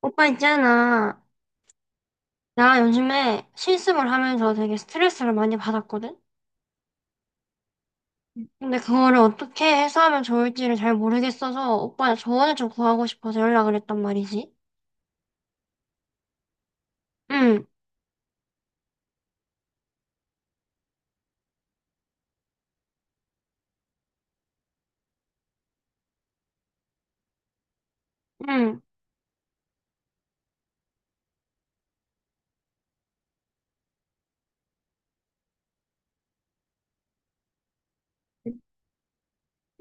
오빠 있잖아. 나 요즘에 실습을 하면서 되게 스트레스를 많이 받았거든? 근데 그거를 어떻게 해소하면 좋을지를 잘 모르겠어서 오빠의 조언을 좀 구하고 싶어서 연락을 했단 말이지. 응, 응,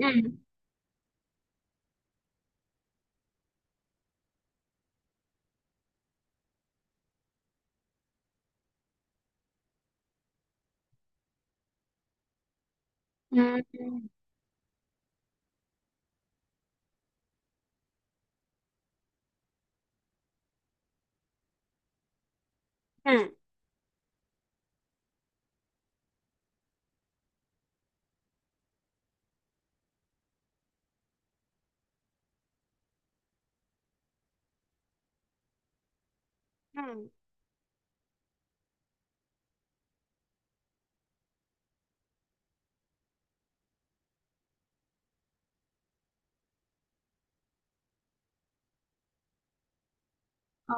응, 응, 응, 응. 아,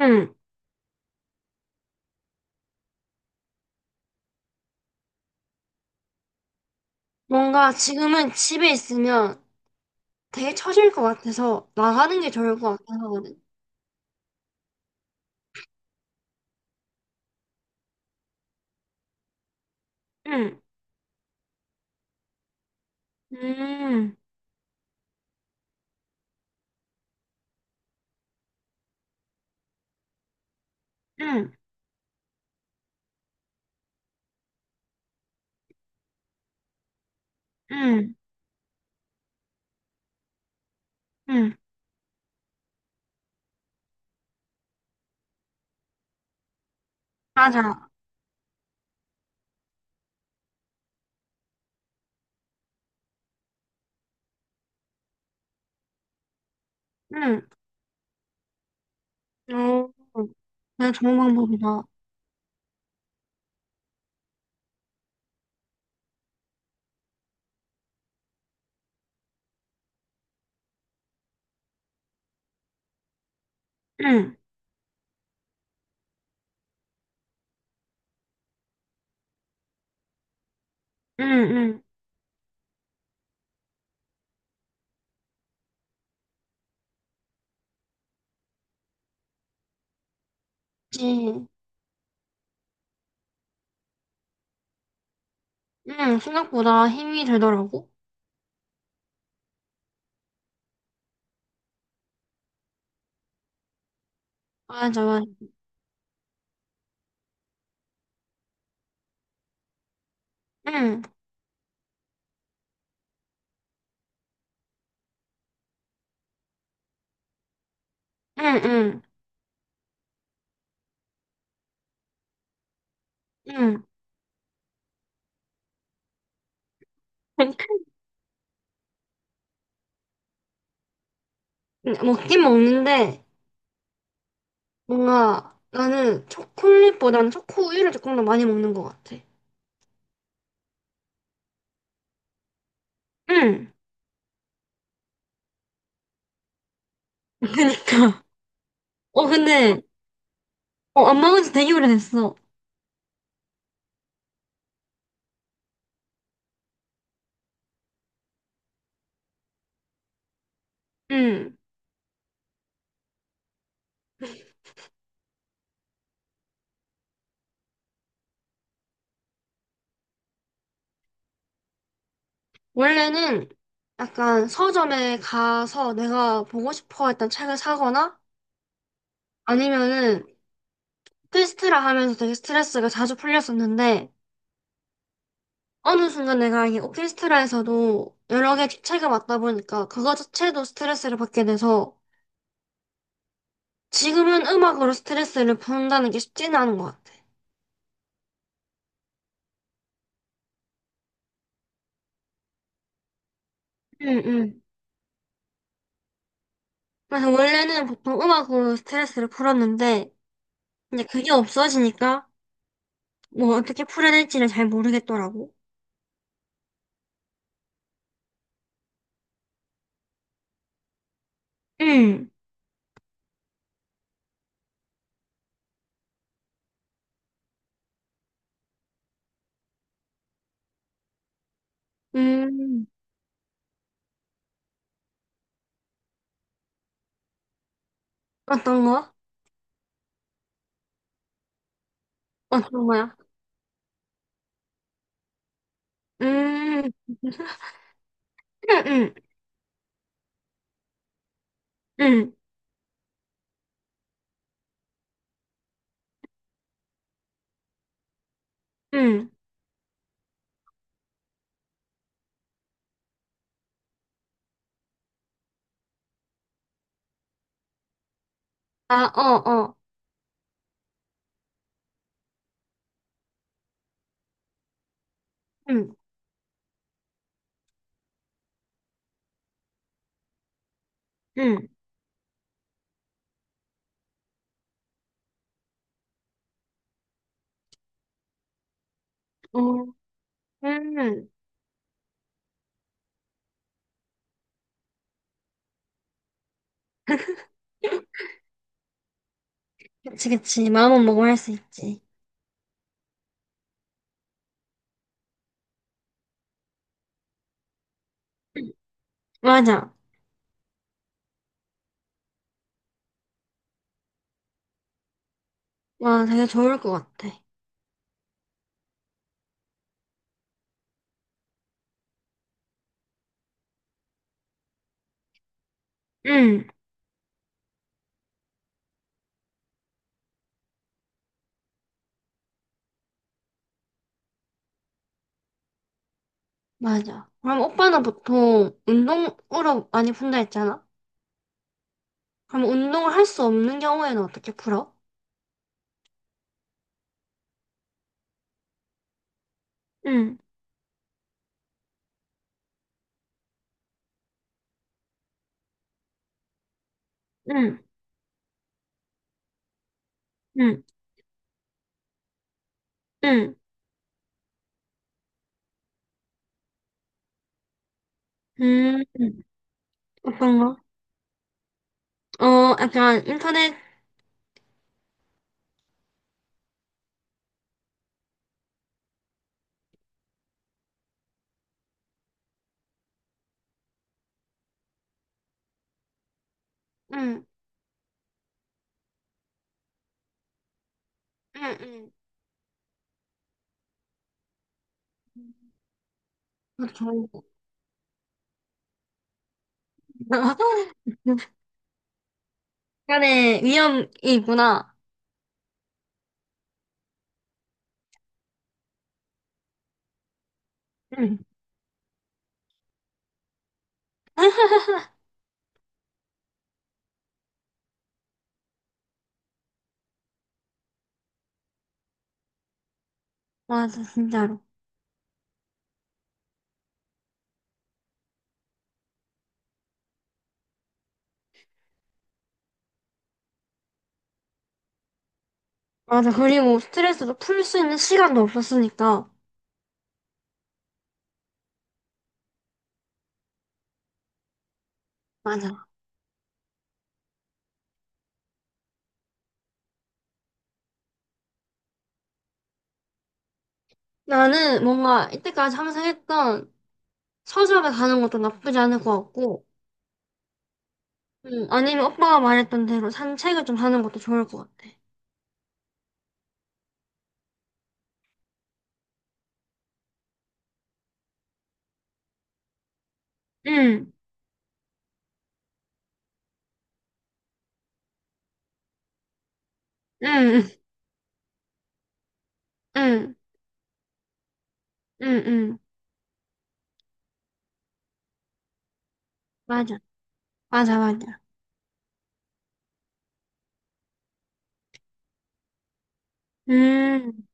응. 뭔가 지금은 집에 있으면 되게 처질 것 같아서 나가는 게 좋을 것 같긴 하거든. 응, 응, 응, 응, 응. 맞아. 응. 어, 되게 좋은 방법이다. 응, 응, 응. 그치. 응, 생각보다 힘이 들더라고. 맞아, 맞아. 응, 응, 응, 응. 먹긴 먹는데, 뭔가 나는 초콜릿보다는 초코우유를 조금 더 많이 먹는 것 같아. 응, 그니까. 어, 근데, 어, 안 먹은 지 되게 오래됐어. 응. 원래는 약간 서점에 가서 내가 보고 싶어 했던 책을 사거나 아니면은 필스트라 하면서 되게 스트레스가 자주 풀렸었는데, 어느 순간 내가 이 오케스트라에서도 여러 개 주체가 맞다 보니까 그거 자체도 스트레스를 받게 돼서 지금은 음악으로 스트레스를 푼다는 게 쉽지는 않은 것 같아. 응, 응. 그래서 원래는 보통 음악으로 스트레스를 풀었는데 이제 그게 없어지니까 뭐 어떻게 풀어야 될지를 잘 모르겠더라고. 응. 음. 어떤 거? 어떤 거야? 음, 응, 응응응, 아, 어, 어, 응응, 어, 음. 그치, 그치. 마음만 먹으면 할 수 있지. 맞아. 와, 되게 좋을 것 같아. 응, 맞아. 그럼 오빠는 보통 운동으로 많이 푼다 했잖아? 그럼 운동을 할 수 없는 경우에는 어떻게 풀어? 응, 응, 응, 응, 응. 어떤 거? 어, 약간 인터넷, 응, 응, 응. 그거 좋은 거. 약간의 위험이 있구나. 응. 맞아, 진짜로. 맞아, 그리고 스트레스도 풀 수 있는 시간도 없었으니까. 맞아. 나는 뭔가 이때까지 항상 했던 서점에 가는 것도 나쁘지 않을 것 같고, 아니면 오빠가 말했던 대로 산책을 좀 하는 것도 좋을 것 같아. 응, 응, 응, 응, 응. 맞아. 맞아, 맞아. 음,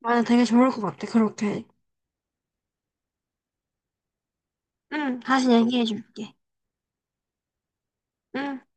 맞아. 되게 좋을 것 같아. 그렇게. 응, 다시 얘기해 줄게. 응.